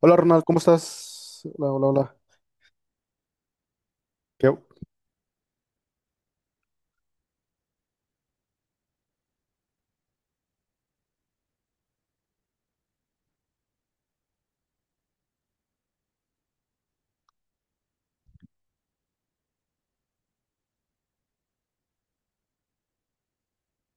Hola Ronald, ¿cómo estás? Hola, hola, hola. Qué-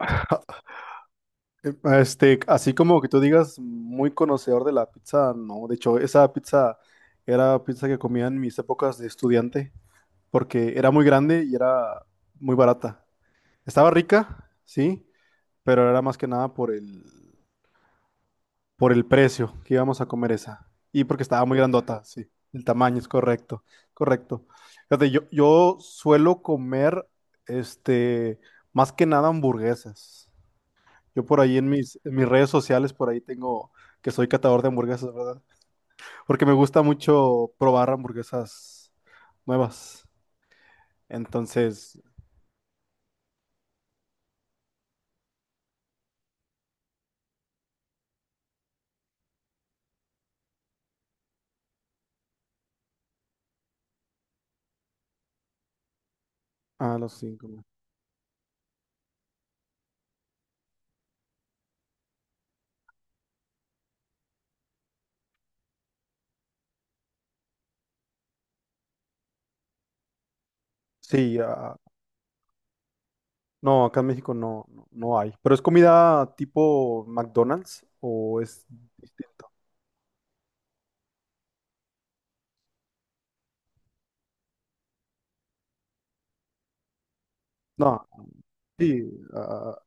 Así como que tú digas, muy conocedor de la pizza, no. De hecho, esa pizza era pizza que comía en mis épocas de estudiante, porque era muy grande y era muy barata. Estaba rica, sí, pero era más que nada por el precio que íbamos a comer esa. Y porque estaba muy grandota, sí. El tamaño es correcto, correcto. Fíjate, yo suelo comer, este, más que nada hamburguesas. Yo por ahí en mis redes sociales, por ahí tengo que soy catador de hamburguesas, ¿verdad? Porque me gusta mucho probar hamburguesas nuevas. Entonces, a los cinco. ¿No? Sí, ah, no, acá en México no, no, no hay. ¿Pero es comida tipo McDonald's o es distinto? No, sí, ah,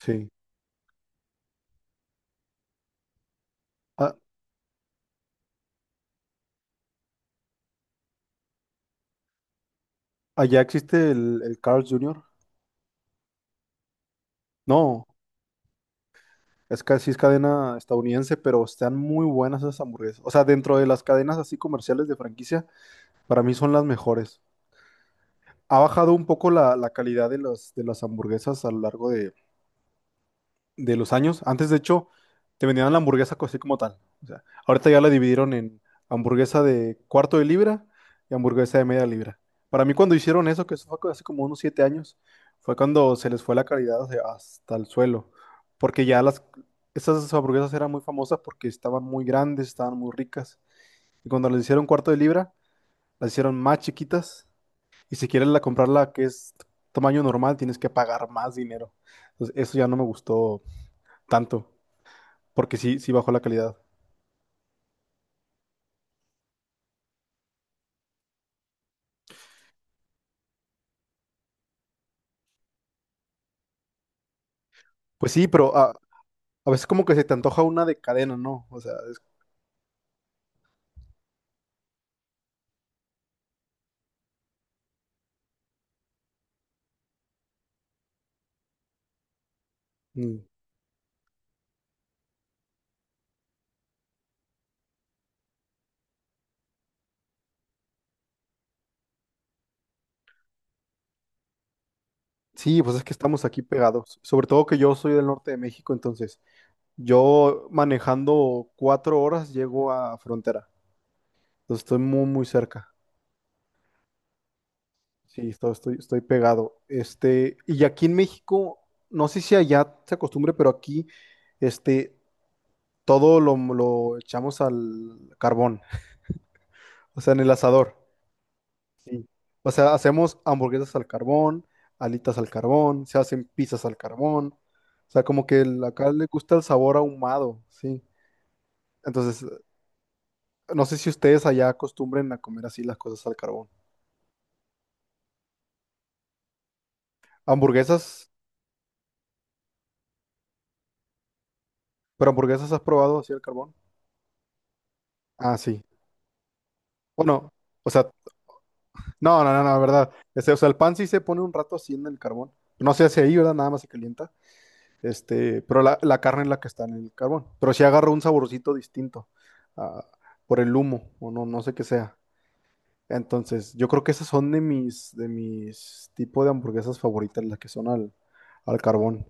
sí. Ah, allá existe el Carl's Jr. No, es casi es cadena estadounidense, pero están muy buenas esas hamburguesas. O sea, dentro de las cadenas así comerciales de franquicia, para mí son las mejores. Ha bajado un poco la calidad de de las hamburguesas a lo largo de los años. Antes, de hecho, te vendían la así como tal. O sea, ahorita ya la dividieron en hamburguesa de cuarto de libra y hamburguesa de media libra. Para mí, cuando hicieron eso, que eso fue hace como unos siete años, fue cuando se les fue la calidad, o sea, hasta el suelo. Porque ya esas hamburguesas eran muy famosas porque estaban muy grandes, estaban muy ricas. Y cuando les hicieron cuarto de libra, las hicieron más chiquitas. Y si quieres la comprarla que es tamaño normal, tienes que pagar más dinero. Entonces, eso ya no me gustó tanto. Porque sí, sí bajó la calidad. Pues sí, a veces como que se te antoja una de cadena, ¿no? O sea, mm, sí, pues es que estamos aquí pegados. Sobre todo que yo soy del norte de México, entonces yo manejando cuatro horas llego a frontera. Entonces estoy muy, muy cerca. Sí, estoy pegado. Y aquí en México, no sé si allá se acostumbre, pero aquí, este, todo lo echamos al carbón, o sea, en el asador. Sí. O sea, hacemos hamburguesas al carbón, alitas al carbón, se hacen pizzas al carbón. O sea, como que acá le gusta el sabor ahumado, sí. Entonces, no sé si ustedes allá acostumbren a comer así las cosas al carbón. Hamburguesas, pero hamburguesas has probado así al carbón. Ah, sí. Bueno, o sea, no, no, no, no, verdad. Ese, o sea, el pan sí se pone un rato así en el carbón. No se hace ahí, ¿verdad? Nada más se calienta. Este, pero la carne es la que está en el carbón. Pero sí agarra un saborcito distinto, ah, por el humo, o no, no sé qué sea. Entonces, yo creo que esas son de de mis tipos de hamburguesas favoritas, las que son al carbón.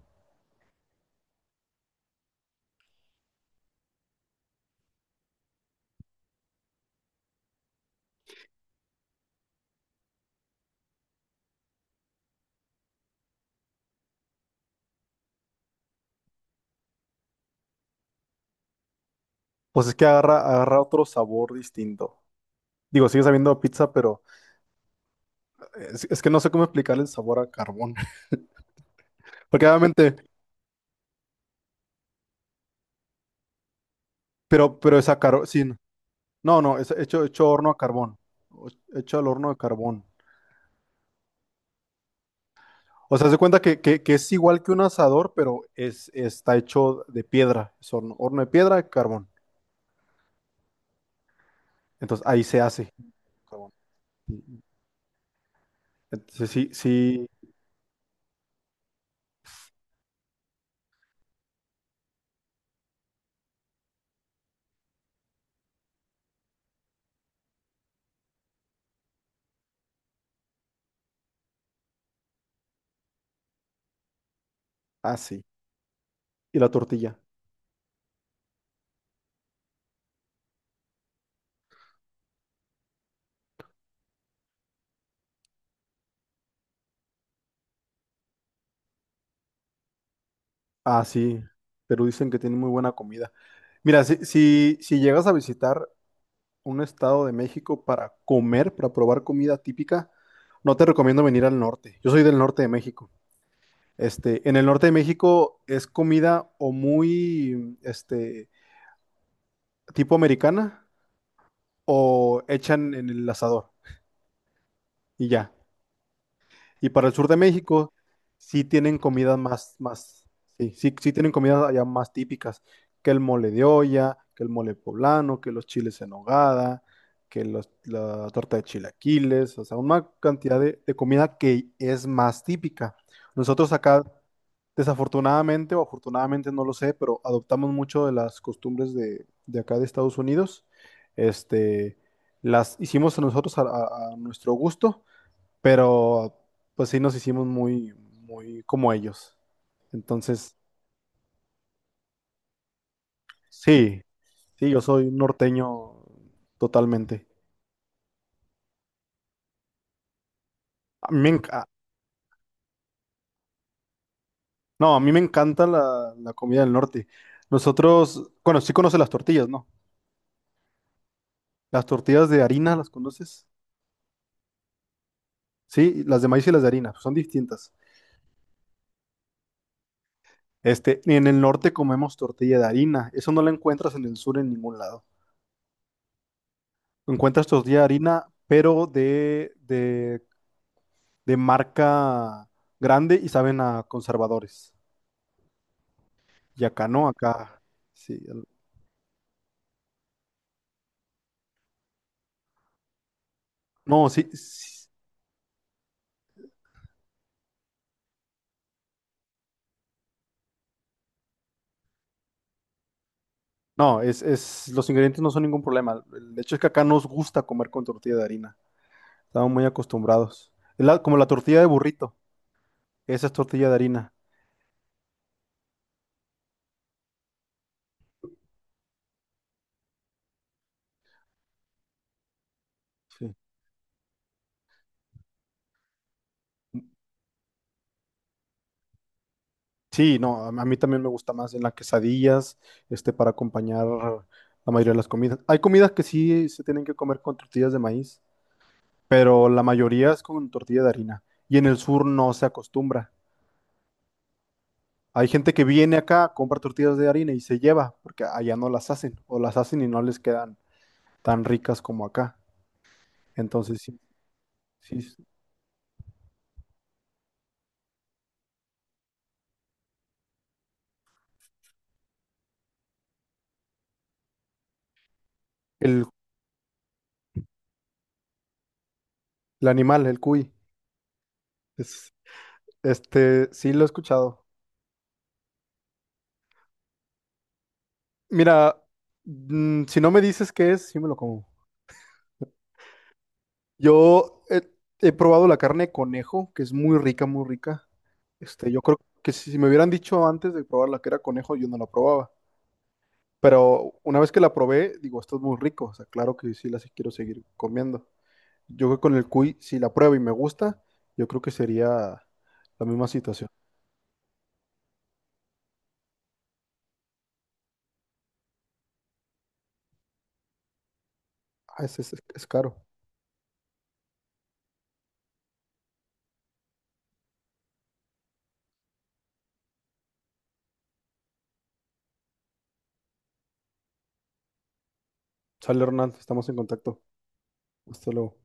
Pues es que agarra otro sabor distinto. Digo, sigue sabiendo a pizza, pero es que no sé cómo explicarle el sabor a carbón. Porque obviamente, pero esa carbón, sí, no, no, es hecho, hecho horno a carbón, o- hecho al horno de carbón. O sea, se cuenta que, que es igual que un asador, pero es, está hecho de piedra. Es horno, horno de piedra, carbón. Entonces ahí se hace. Carbón. Entonces sí, sí, así. Y la tortilla. Ah, sí. Pero dicen que tiene muy buena comida. Mira, si, si, si llegas a visitar un estado de México para comer, para probar comida típica, no te recomiendo venir al norte. Yo soy del norte de México. Este, en el norte de México es comida o muy, este, tipo americana o echan en el asador y ya. Y para el sur de México, sí tienen comidas más, más, sí, sí, sí tienen comidas allá más típicas, que el mole de olla, que el mole poblano, que los chiles en nogada, que la torta de chilaquiles, o sea, una cantidad de comida que es más típica. Nosotros acá, desafortunadamente o afortunadamente, no lo sé, pero adoptamos mucho de las costumbres de acá de Estados Unidos. Este, las hicimos nosotros a a nuestro gusto, pero pues sí nos hicimos muy, muy como ellos. Entonces, sí, sí, yo soy norteño totalmente. A mí me enca- no, a mí me encanta la comida del norte. Nosotros, bueno, sí conoces las tortillas, ¿no? Las tortillas de harina, ¿las conoces? Sí, las de maíz y las de harina, son distintas. Este, y en el norte comemos tortilla de harina, eso no la encuentras en el sur en ningún lado. Encuentras tortilla de harina, pero de marca grande y saben a conservadores. Y acá no, acá sí. No, sí, sí, no, es, los ingredientes no son ningún problema. El hecho es que acá nos gusta comer con tortilla de harina. Estamos muy acostumbrados. Es como la tortilla de burrito. Esa es tortilla de harina. Sí. Sí, no, a mí también me gusta más en las quesadillas, para acompañar la mayoría de las comidas. Hay comidas que sí se tienen que comer con tortillas de maíz, pero la mayoría es con tortilla de harina. Y en el sur no se acostumbra. Hay gente que viene acá, compra tortillas de harina y se lleva, porque allá no las hacen, o las hacen y no les quedan tan ricas como acá. Entonces, sí, sí, sí. el, el animal, el cuy, es, este, sí lo he escuchado. Mira, mm, si no me dices qué es, sí me lo como. Yo he, he probado la carne de conejo, que es muy rica, muy rica. Este, yo creo que si me hubieran dicho antes de probar la que era conejo, yo no la probaba. Pero una vez que la probé, digo, esto es muy rico. O sea, claro que sí quiero seguir comiendo. Yo creo que con el cuy, si la pruebo y me gusta, yo creo que sería la misma situación. Ah, es caro. Sale Hernán, estamos en contacto. Hasta luego.